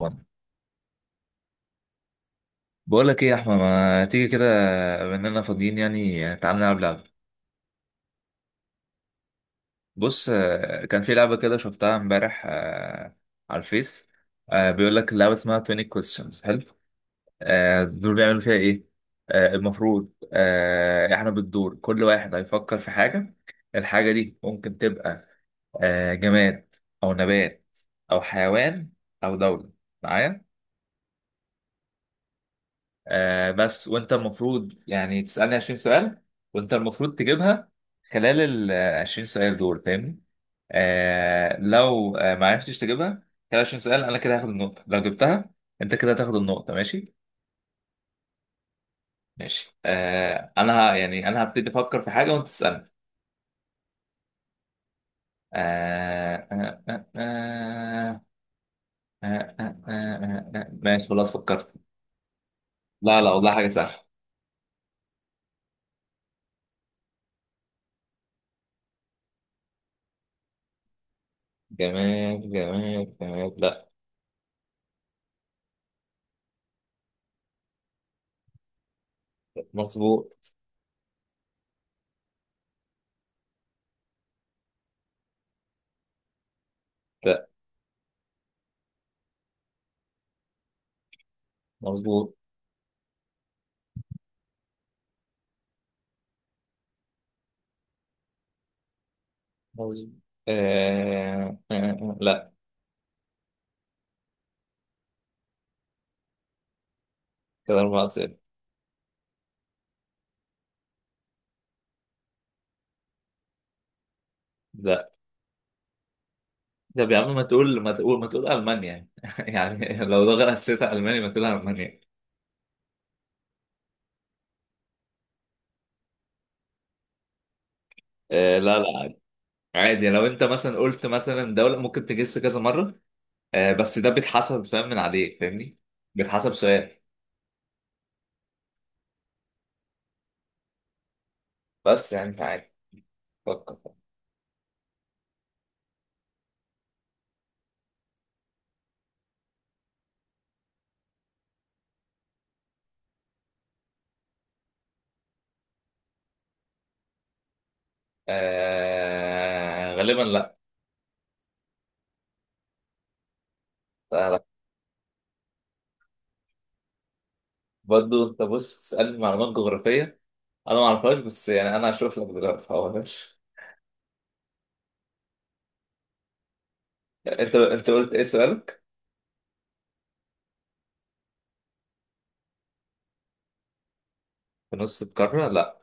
بقول لك ايه يا احمد، ما تيجي كده؟ بما اننا فاضيين يعني تعال نلعب لعبه. بص، كان في لعبه كده شفتها امبارح، على الفيس. بيقول لك اللعبه اسمها 20 questions، حلو. دول بيعملوا فيها ايه؟ المفروض احنا بالدور كل واحد هيفكر في حاجه. الحاجه دي ممكن تبقى جماد او نبات او حيوان او دوله. معايا؟ بس وانت المفروض يعني تسألني 20 سؤال، وانت المفروض تجيبها خلال ال 20 سؤال دول، فاهمني؟ لو ما عرفتش تجيبها خلال 20 سؤال، انا كده هاخد النقطة. لو جبتها انت كده هتاخد النقطة. ماشي؟ ماشي، يعني انا هبتدي افكر في حاجة وانت تسألني. آه آه آه آه ماشي، خلاص فكرت. لا، لا، والله حاجة سهلة. جمال، جمال، جمال، لا. مظبوط. لا. مظبوط. عظيم. لا. كده أربعة صفر. لا. طب يا عم، ما تقول ما تقول ما تقول ألمانيا يعني لو ده غير حسيتها ألمانيا ما تقول ألمانيا. لا، لا، عادي. عادي لو أنت مثلا قلت مثلا دولة ممكن تجس كذا مرة. بس ده بيتحسب، فاهم؟ من عليك، فاهمني. بيتحسب سؤال. بس يعني أنت عادي. فكر. غالبا لا. لا، لا. برضه أنت بص، تسألني معلومات جغرافية أنا ما أعرفهاش، بس يعني أنا هشوف لك دلوقتي هقولها. أنت قلت إيه سؤالك؟ في نص القارة، لا.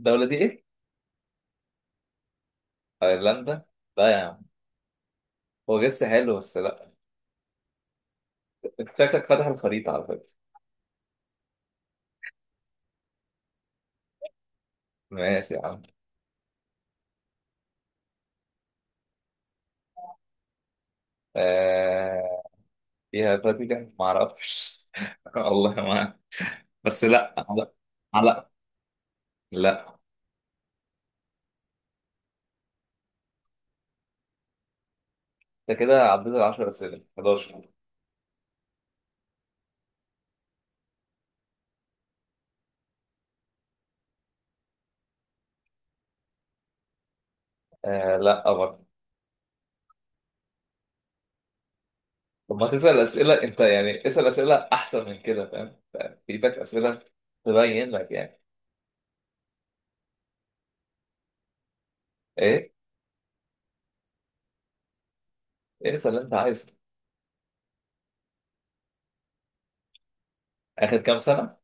الدولة دي ايه؟ ايرلندا؟ لا يا عم. هو جس حلو بس لا. انت شكلك فاتح الخريطة على فكرة. ماشي يا عم. آه... فيها فاتيكان ما اعرفش والله ما أعرف. بس لا، لا. لا. لا. انت كده عديت ال 10 اسئلة، 11. لا برضه. طب ما تسأل اسئلة انت، يعني اسأل اسئلة احسن من كده، فاهم؟ في ايدك اسئلة، تبين لك يعني. ايه؟ إيه، اسأل اللي انت عايزه. اخر كام سنة؟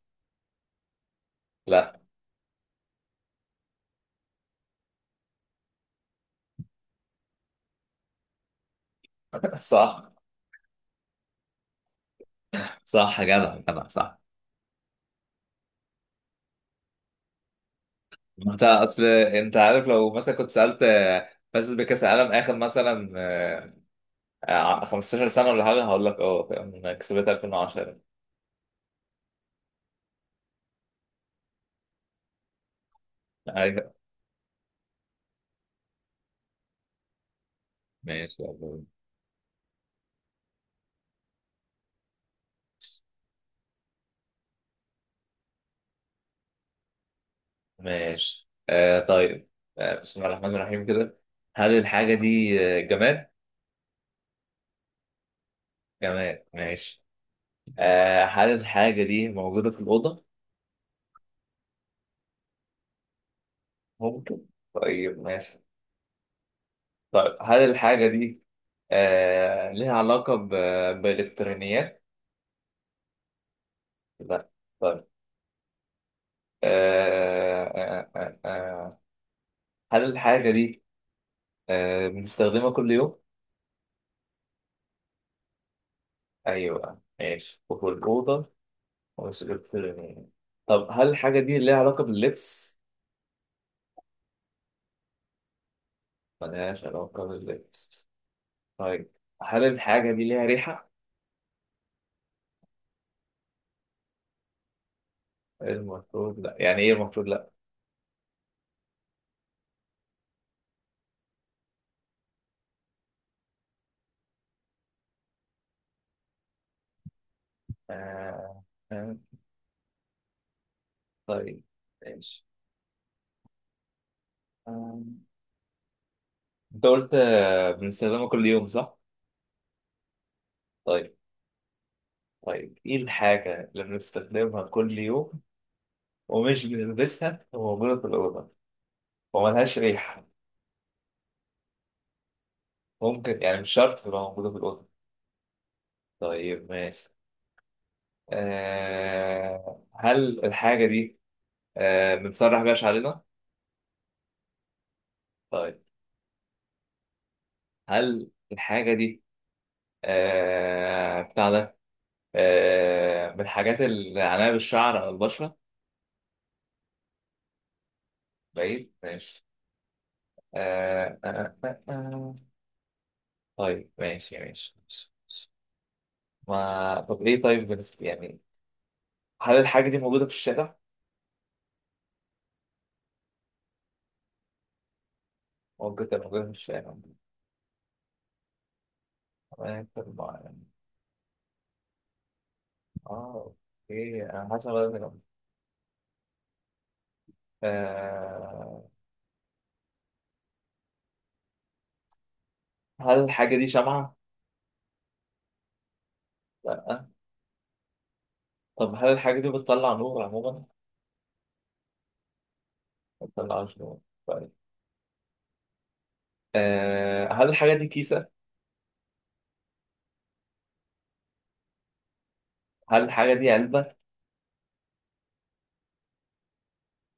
لا. صح. صح يا جدع، جدع، صح. ما انت اصل انت عارف، لو مثلا كنت سالت فاز بكاس العالم اخر مثلا، 15 سنه ولا حاجه، هقول لك اه فاهم، انا كسبتها 2010. ايوه، ماشي، يلا. ماشي، طيب. بسم الله الرحمن الرحيم كده. هل الحاجه دي جماد؟ جماد، ماشي. هل الحاجه دي موجوده في الاوضه؟ ممكن. طيب ماشي. طيب هل الحاجه دي ليها علاقه بالالكترونيات؟ لا. طيب. آه، آه، آه، آه. آه، هل الحاجة دي بنستخدمها كل يوم؟ أيوه ماشي، وفي الأوضة. وسجلت. طب هل الحاجة دي ليها علاقة باللبس؟ ملهاش علاقة باللبس. طيب. هل الحاجة دي ليها ريحة؟ المفروض لأ. يعني إيه المفروض لأ؟ آه، آه، طيب ماشي. آه، أنت قلت بنستخدمها كل يوم صح؟ طيب، طيب، إيه الحاجة اللي بنستخدمها كل يوم ومش بنلبسها وموجودة في الأوضة؟ وملهاش ريحة؟ ممكن يعني مش شرط تبقى موجودة في الأوضة. طيب ماشي. هل الحاجة دي بنسرح بيها شعرنا؟ طيب. هل الحاجة دي أه بتاع ده أه من الحاجات اللي عليها بالشعر أو البشرة؟ بعيد ماشي. أه أه أه أه. آه. طيب، ماشي، ماشي، ماشي، ماشي. ما طب إيه طيب، يعني، هل الحاجة دي موجودة في الشارع؟ ممكن تبقى موجودة في الشارع. اه. اوكي، انا حاسس إن أنا بدأت أجمع. آه هل الحاجة دي شمعة؟ لا. طب هل الحاجة دي بتطلع نور عموما؟ ما بتطلعش نور. طيب. هل الحاجة دي كيسة؟ هل الحاجة دي علبة؟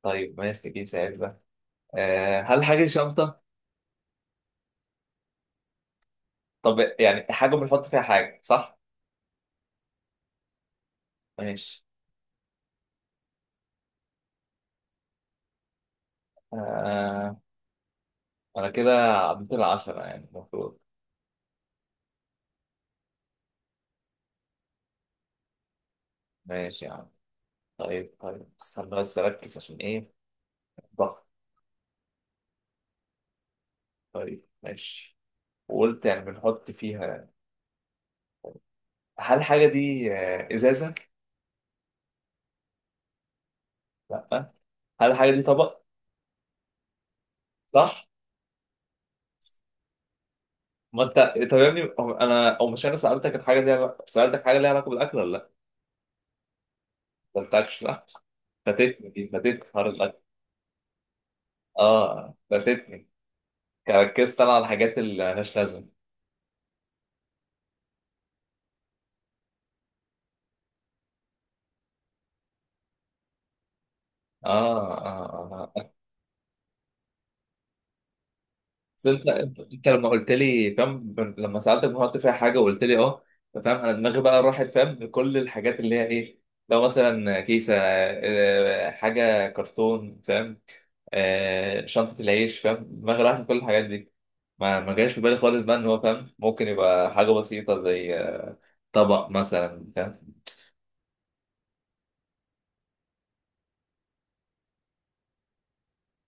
طيب ماشي، كيسة، علبة. هل الحاجة دي شنطة؟ طب يعني حاجة بنحط فيها حاجة صح؟ ماشي. آه أنا كده عديت العشرة يعني المفروض. ماشي يا عم. طيب، طيب، استنى بس أركز، عشان إيه؟ ضغط. طيب ماشي، وقلت يعني بنحط فيها. هل الحاجة دي إزازة؟ لأ. هل الحاجة دي طبق؟ صح؟ ما أنت طب يا ابني، أنا أو مش أنا سألتك الحاجة دي سألتك حاجة ليها علاقة بالأكل ولا لأ؟ ما أنتكش صح؟ فاتتني حوار الأكل. فاتتني. ركزت أنا على الحاجات اللي مالهاش لازمة. آه آه آه آه. بس انت، لما قلت لي فاهم، لما سالتك بحط فيها حاجه وقلت لي اه، فاهم، انا دماغي بقى راحت فاهم لكل الحاجات اللي هي ايه. لو مثلا كيسه، حاجه كرتون، فاهم. شنطه العيش، فاهم، دماغي راحت لكل الحاجات دي. ما جاش في بالي خالص بقى ان هو فاهم ممكن يبقى حاجه بسيطه زي طبق مثلا، فاهم.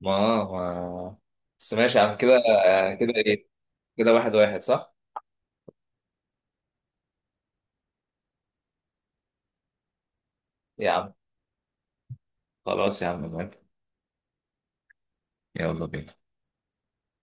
ما ما بس ماشي يا عم كده. كده ايه؟ كده واحد واحد صح. يا عم. خلاص يا عم، موافق. يلا بينا.